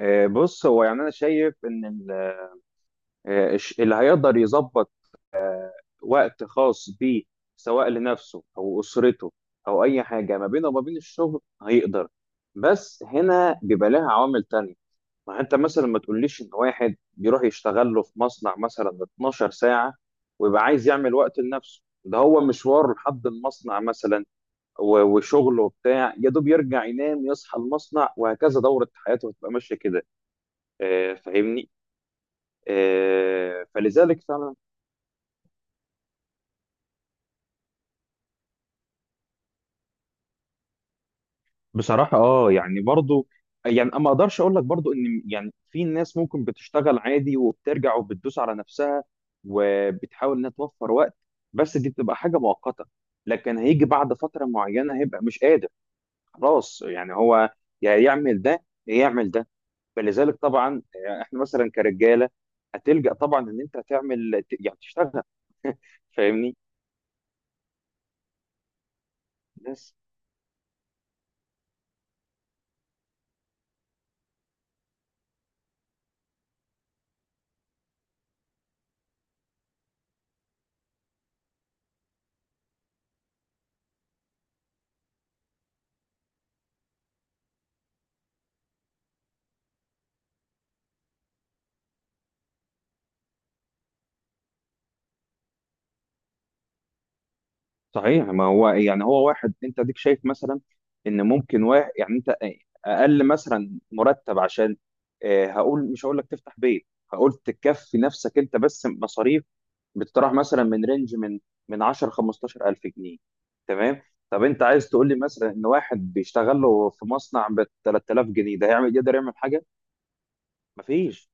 بص، هو يعني انا شايف ان اللي هيقدر يظبط وقت خاص بيه سواء لنفسه او اسرته او اي حاجه ما بينه وما بين الشغل هيقدر. بس هنا بيبقى لها عوامل تانية. ما انت مثلا ما تقوليش ان واحد بيروح يشتغل له في مصنع مثلا 12 ساعه، ويبقى عايز يعمل وقت لنفسه، ده هو مشواره لحد المصنع مثلا وشغله وبتاع، يا دوب يرجع ينام يصحى المصنع، وهكذا دورة حياته هتبقى ماشية كده. فاهمني؟ فلذلك فعلا، بصراحة اه يعني برضو، يعني ما اقدرش اقول لك برضو ان يعني في ناس ممكن بتشتغل عادي وبترجع وبتدوس على نفسها وبتحاول انها توفر وقت. بس دي بتبقى حاجة مؤقتة، لكن هيجي بعد فترة معينة هيبقى مش قادر. خلاص يعني، هو يا يعمل ده يا يعمل ده. فلذلك طبعا، احنا مثلا كرجالة هتلجأ طبعا ان انت تعمل يعني تشتغل. فاهمني؟ صحيح. ما هو يعني، هو واحد انت ديك شايف مثلا ان ممكن واحد يعني انت اقل مثلا مرتب، عشان هقول، مش هقول لك تفتح بيت، هقول تكفي نفسك انت بس. مصاريف بتطرح مثلا من رينج من 10 15 الف جنيه، تمام؟ طب انت عايز تقول لي مثلا ان واحد بيشتغل له في مصنع ب 3000 جنيه ده هيعمل، يقدر يعمل حاجه؟ مفيش.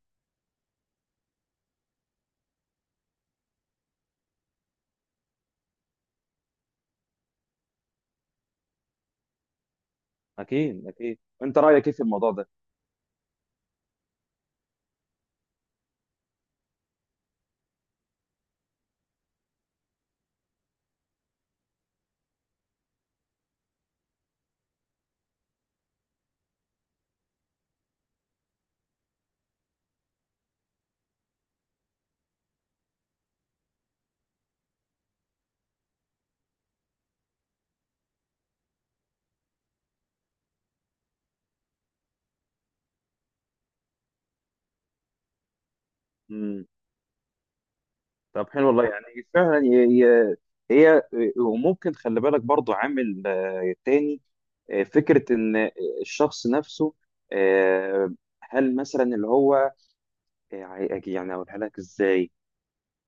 اكيد اكيد. انت رايك ايه في الموضوع ده؟ طب حلو والله يعني. فعلا هي، وممكن خلي بالك برضو عامل تاني، فكرة إن الشخص نفسه. آه، هل مثلا اللي هو، يعني أقولها لك إزاي،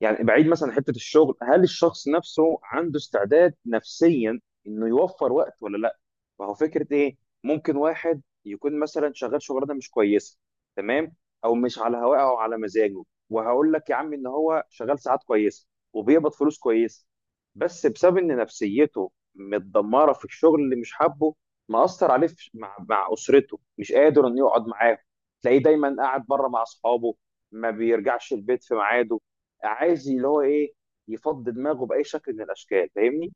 يعني بعيد مثلا عن حته الشغل، هل الشخص نفسه عنده استعداد نفسيا انه يوفر وقت ولا لا؟ ما هو فكره ايه، ممكن واحد يكون مثلا شغال شغلانه مش كويسه، تمام، او مش على هواه او على مزاجه. وهقول لك يا عم ان هو شغال ساعات كويسه وبيقبض فلوس كويسه، بس بسبب ان نفسيته متدمره في الشغل اللي مش حابه، مأثر عليه مع اسرته مش قادر انه يقعد معاهم. تلاقيه دايما قاعد بره مع اصحابه، ما بيرجعش البيت في ميعاده، عايز اللي هو ايه، يفضي دماغه باي شكل من الاشكال. فاهمني؟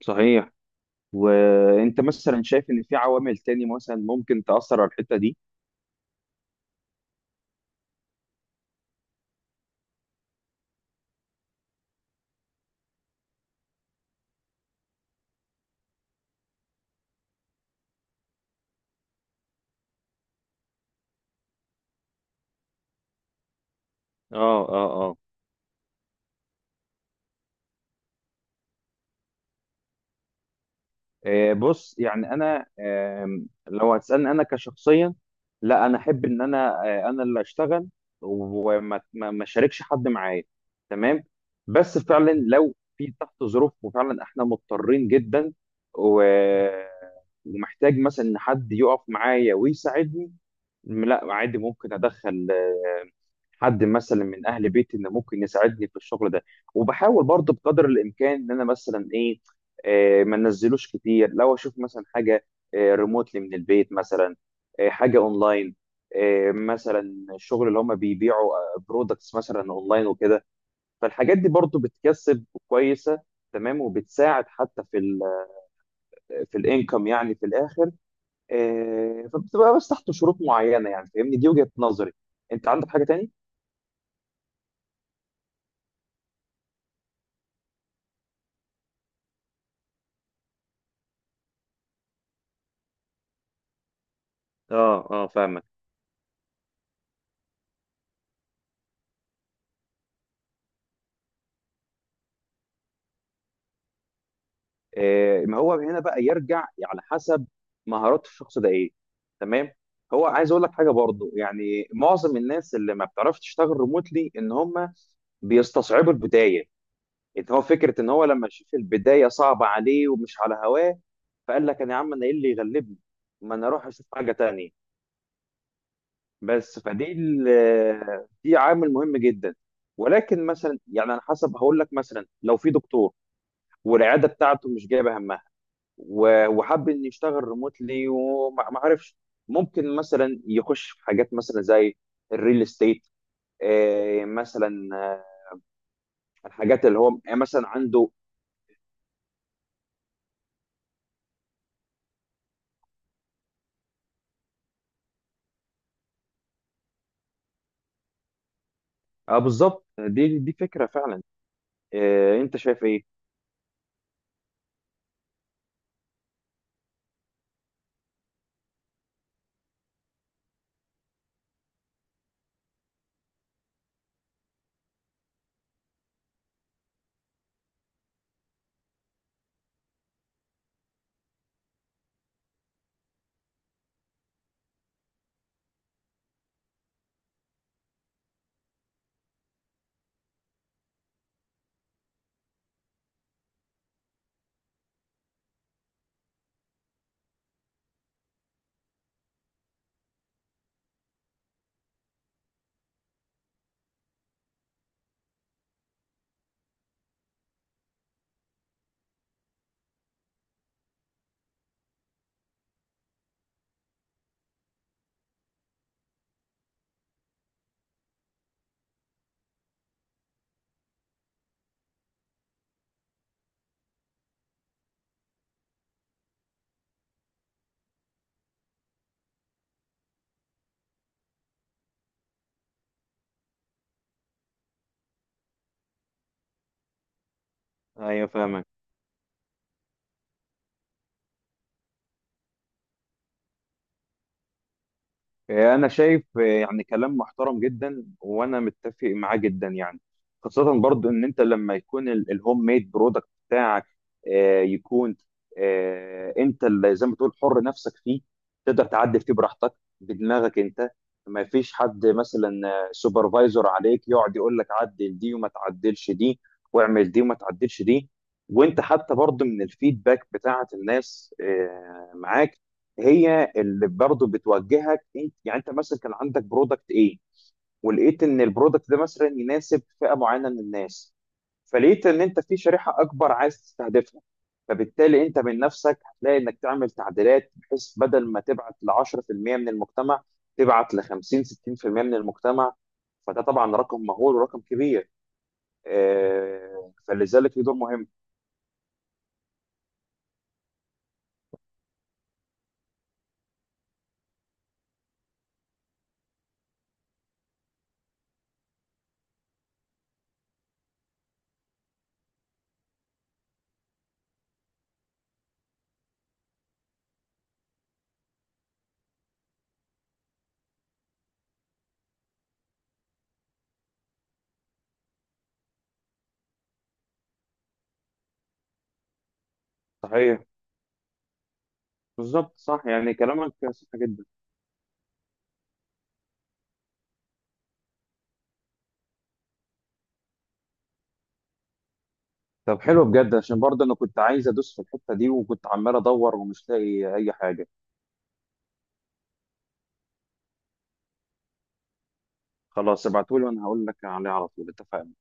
صحيح. وانت مثلا شايف ان في عوامل تاني مثلا ممكن تاثر على الحته دي؟ اه اه. بص، يعني انا لو هتسالني انا كشخصيا، لا، انا احب ان انا، انا اللي اشتغل، وما ما ما اشاركش حد معايا، تمام. بس فعلا لو في تحت ظروف وفعلا احنا مضطرين جدا، و- ومحتاج مثلا ان حد يقف معايا ويساعدني، لا عادي ممكن ادخل حد مثلا من اهل بيتي انه ممكن يساعدني في الشغل ده. وبحاول برضه بقدر الامكان ان انا مثلا ايه، ما ننزلوش كتير، لو اشوف مثلا حاجه ريموتلي من البيت مثلا، حاجه اونلاين، مثلا الشغل اللي هم بيبيعوا برودكتس مثلا اونلاين وكده. فالحاجات دي برضو بتكسب كويسه، تمام، وبتساعد حتى في في الانكم يعني في الاخر. فبتبقى بس تحت شروط معينه يعني. فاهمني؟ دي وجهه نظري. انت عندك حاجه تاني؟ اه اه، فاهمك. ما هو هنا بقى يرجع على حسب مهارات الشخص ده ايه، تمام. هو عايز اقول لك حاجه برضو، يعني معظم الناس اللي ما بتعرفش تشتغل ريموتلي ان هم بيستصعبوا البدايه. انت هو فكره ان هو لما شاف البدايه صعبه عليه ومش على هواه، فقال لك انا يا عم انا ايه اللي يغلبني، ما انا اروح اشوف حاجه تانية. بس فدي دي عامل مهم جدا. ولكن مثلا يعني على حسب، هقول لك مثلا لو في دكتور والعياده بتاعته مش جايبه همها، وحب انه يشتغل ريموتلي وما ما عرفش، ممكن مثلا يخش في حاجات مثلا زي الريل استيت، مثلا الحاجات اللي هو مثلا عنده. اه بالظبط، دي فكرة فعلا. انت شايف ايه؟ ايوه فاهمك. انا شايف يعني كلام محترم جدا وانا متفق معاه جدا يعني، خاصة برضو ان انت لما يكون الهوم ميد برودكت بتاعك، يكون انت اللي زي ما تقول حر نفسك فيه، تقدر تعدل فيه براحتك بدماغك انت. ما فيش حد مثلا سوبرفايزر عليك يقعد يقول لك عدل دي وما تعدلش دي، واعمل دي وما تعدلش دي. وانت حتى برضو من الفيدباك بتاعت الناس معاك، هي اللي برضه بتوجهك. انت يعني انت مثلا كان عندك برودكت ايه، ولقيت ان البرودكت ده مثلا يناسب فئة معينة من الناس، فلقيت ان انت في شريحة اكبر عايز تستهدفها، فبالتالي انت من نفسك هتلاقي انك تعمل تعديلات بحيث بدل ما تبعت ل 10% من المجتمع، تبعت ل 50 60% من المجتمع. فده طبعا رقم مهول ورقم كبير. فلذلك له دور مهم. صحيح. بالظبط صح، يعني كلامك صح جدا. طب حلو بجد، عشان برضه انا كنت عايز ادوس في الحته دي وكنت عمال ادور ومش لاقي اي حاجه. خلاص، ابعتولي وانا هقول لك عليه على طول، اتفقنا.